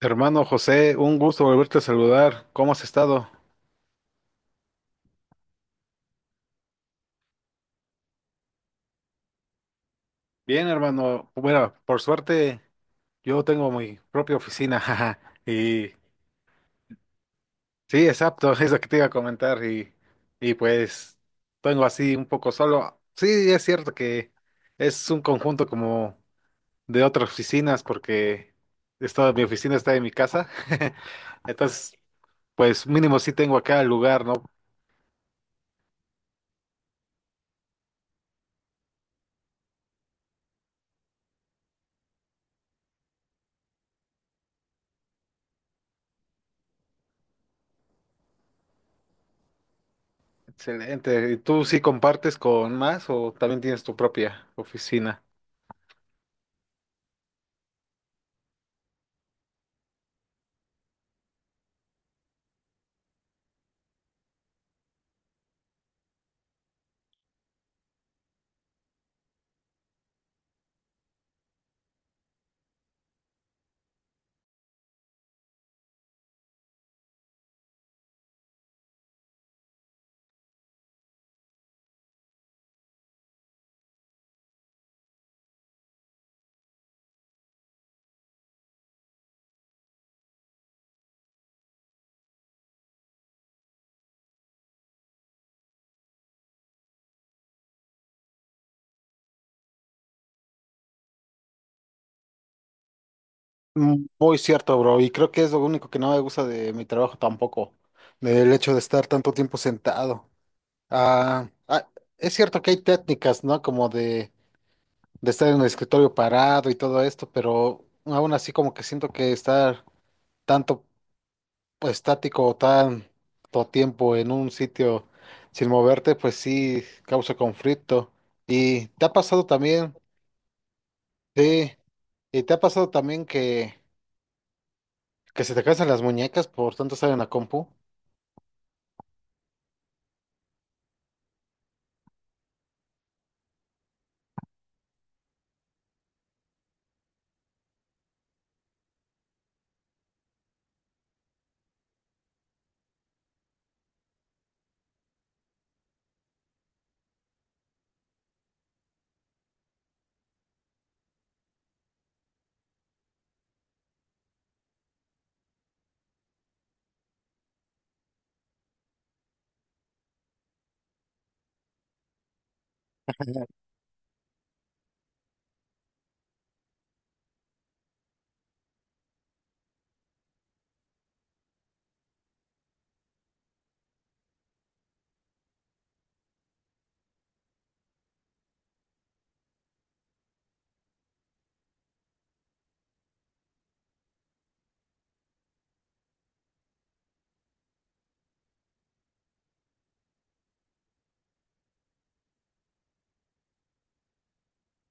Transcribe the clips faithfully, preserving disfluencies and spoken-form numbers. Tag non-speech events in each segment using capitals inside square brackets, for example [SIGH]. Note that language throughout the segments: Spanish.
Hermano José, un gusto volverte a saludar. ¿Cómo has estado? Bien, hermano. Bueno, por suerte yo tengo mi propia oficina, [LAUGHS] jaja. Y sí, exacto, [LAUGHS] es lo que te iba a comentar. Y, y pues tengo así un poco solo. Sí, es cierto que es un conjunto como de otras oficinas porque esto- mi oficina está en mi casa. [LAUGHS] Entonces, pues mínimo sí tengo acá el lugar, ¿no? Excelente. ¿Y tú sí compartes con más o también tienes tu propia oficina? Mm, muy cierto, bro, y creo que es lo único que no me gusta de mi trabajo tampoco, del hecho de estar tanto tiempo sentado. Ah, ah, es cierto que hay técnicas, ¿no? Como de, de estar en el escritorio parado y todo esto, pero aún así como que siento que estar tanto pues, estático o tanto tiempo en un sitio sin moverte, pues sí causa conflicto. ¿Y te ha pasado también? Sí, ¿y te ha pasado también que, que se te cansan las muñecas por tanto estar en la compu?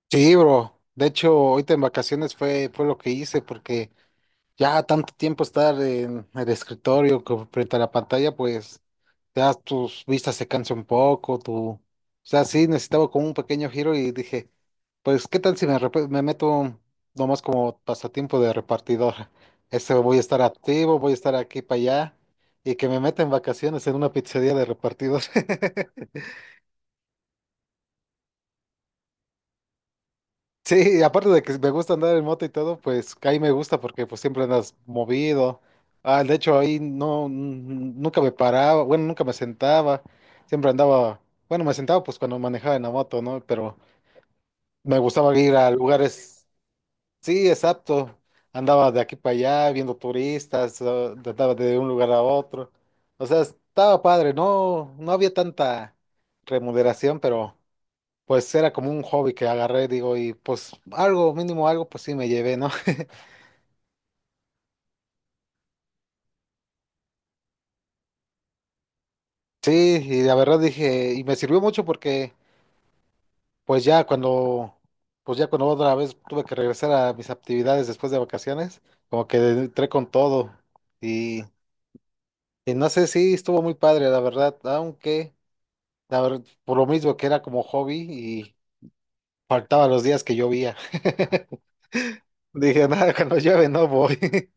Sí, bro. De hecho, ahorita en vacaciones fue, fue lo que hice porque ya tanto tiempo estar en el escritorio co- frente a la pantalla, pues ya tus vistas se cansan un poco, tu... O sea, sí, necesitaba como un pequeño giro y dije, pues, ¿qué tal si me, rep- me meto nomás como pasatiempo de repartidor? [LAUGHS] Este, voy a estar activo, voy a estar aquí para allá y que me meta en vacaciones en una pizzería de repartidor. [LAUGHS] Sí, aparte de que me gusta andar en moto y todo, pues ahí me gusta porque pues siempre andas movido. Ah, de hecho ahí no, n- nunca me paraba, bueno, nunca me sentaba. Siempre andaba, bueno, me sentaba pues cuando manejaba en la moto, ¿no? Pero me gustaba ir a lugares, sí, exacto. Andaba de aquí para allá viendo turistas, ah, andaba de un lugar a otro. O sea, estaba padre, no, no había tanta remuneración, pero pues era como un hobby que agarré, digo, y pues algo, mínimo algo, pues sí me llevé, ¿no? [LAUGHS] Sí, y la verdad dije, y me sirvió mucho porque pues ya cuando, pues ya cuando otra vez tuve que regresar a mis actividades después de vacaciones, como que entré con todo y, y no sé si estuvo muy padre, la verdad, aunque la verdad, por lo mismo que era como hobby y faltaba los días que llovía. [LAUGHS] Dije, nada, cuando llueve no voy. [LAUGHS]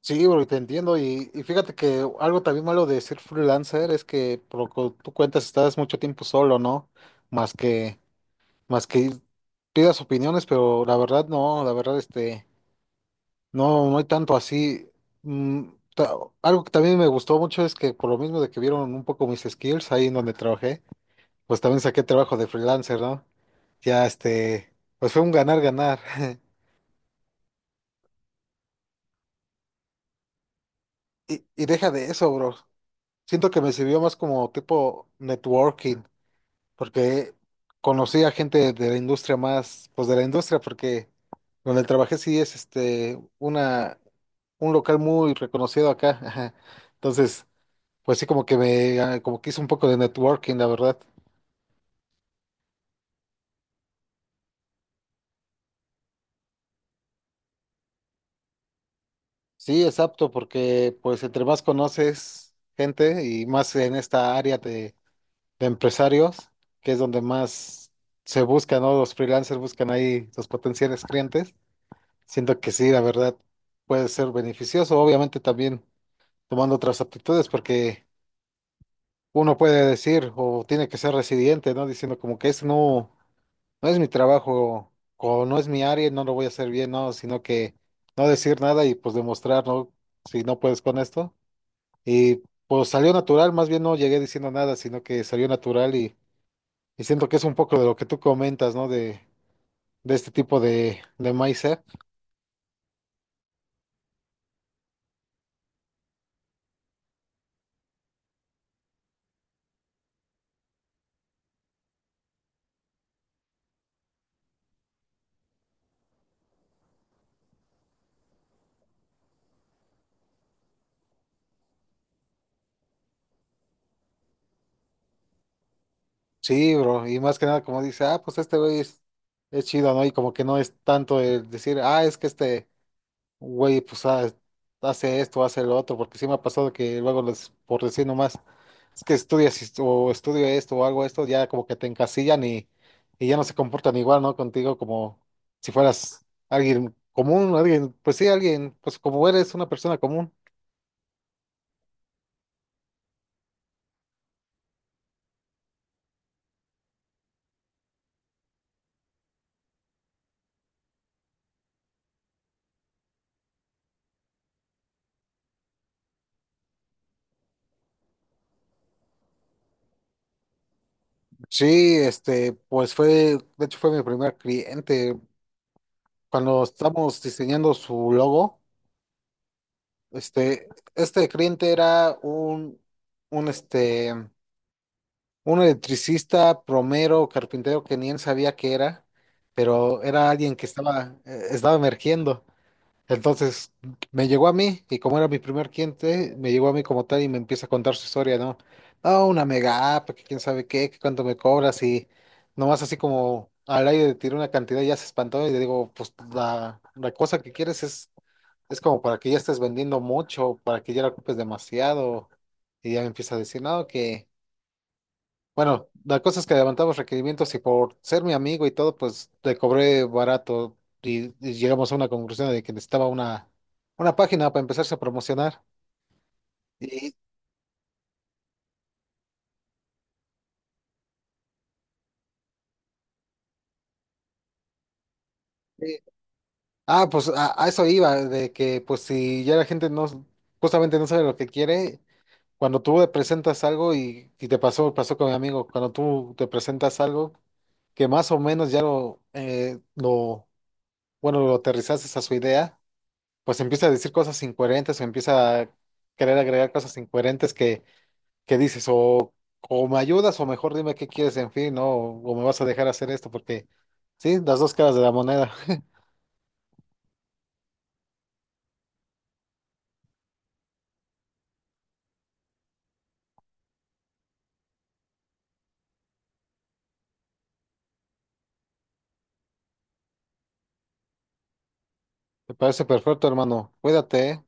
Sí, bro, y te entiendo. Y, y fíjate que algo también malo de ser freelancer es que, por lo que tú cuentas, estás mucho tiempo solo, ¿no? Más que, más que pidas opiniones, pero la verdad no, la verdad, este, no, no hay tanto así. Mm, ta- algo que también me gustó mucho es que por lo mismo de que vieron un poco mis skills ahí en donde trabajé, pues también saqué trabajo de freelancer, ¿no? Ya, este, pues fue un ganar-ganar. [LAUGHS] Y, y deja de eso, bro. Siento que me sirvió más como tipo networking porque conocí a gente de la industria más, pues de la industria, porque donde trabajé sí es este una un local muy reconocido acá, ajá. Entonces, pues sí como que me ah, como que hice un poco de networking, la verdad. Sí, es apto porque pues entre más conoces gente y más en esta área de, de empresarios, que es donde más se buscan, ¿no? Los freelancers buscan ahí los potenciales clientes. Siento que sí, la verdad, puede ser beneficioso. Obviamente también tomando otras aptitudes, porque uno puede decir o tiene que ser resiliente, ¿no? Diciendo como que esto no, no es mi trabajo o no es mi área, no lo voy a hacer bien, ¿no? Sino que no decir nada y pues demostrar, ¿no? Si no puedes con esto. Y pues salió natural, más bien no llegué diciendo nada, sino que salió natural y, y siento que es un poco de lo que tú comentas, ¿no? De, de este tipo de, de mindset. Sí, bro, y más que nada como dice, ah, pues este güey es, es chido, ¿no? Y como que no es tanto el decir, ah, es que este güey, pues ah, hace esto, hace lo otro, porque sí me ha pasado que luego les, por decir nomás, es que estudias esto- o estudio esto o hago esto, ya como que te encasillan y, y ya no se comportan igual, ¿no? Contigo como si fueras alguien común, alguien, pues sí, alguien, pues como eres una persona común. Sí, este, pues fue, de hecho fue mi primer cliente. Cuando estamos diseñando su logo, este, este cliente era un, un este, uno electricista, plomero, carpintero que ni él sabía que era, pero era alguien que estaba, eh, estaba emergiendo. Entonces me llegó a mí y como era mi primer cliente, me llegó a mí como tal y me empieza a contar su historia, ¿no? No, una mega app, que quién sabe qué, que cuánto me cobras y nomás así como al aire le tiré una cantidad y ya se espantó y le digo, pues la, la cosa que quieres es, es como para que ya estés vendiendo mucho, para que ya la ocupes demasiado. Y ya me empieza a decir, no, que... Bueno, la cosa es que levantamos requerimientos y por ser mi amigo y todo, pues le cobré barato y, y llegamos a una conclusión de que necesitaba una, una página para empezarse a promocionar. Y, y- ah, pues a, a eso iba, de que pues si ya la gente no, justamente no sabe lo que quiere, cuando tú le presentas algo y, y te pasó, pasó con mi amigo, cuando tú te presentas algo que más o menos ya lo, eh, lo, bueno, lo aterrizaste a su idea, pues empieza a decir cosas incoherentes o empieza a querer agregar cosas incoherentes que, que dices, o, o me ayudas o mejor dime qué quieres, en fin, ¿no? O me vas a dejar hacer esto porque, sí, las dos caras de la moneda. [LAUGHS] Me parece perfecto, hermano. Cuídate, ¿eh?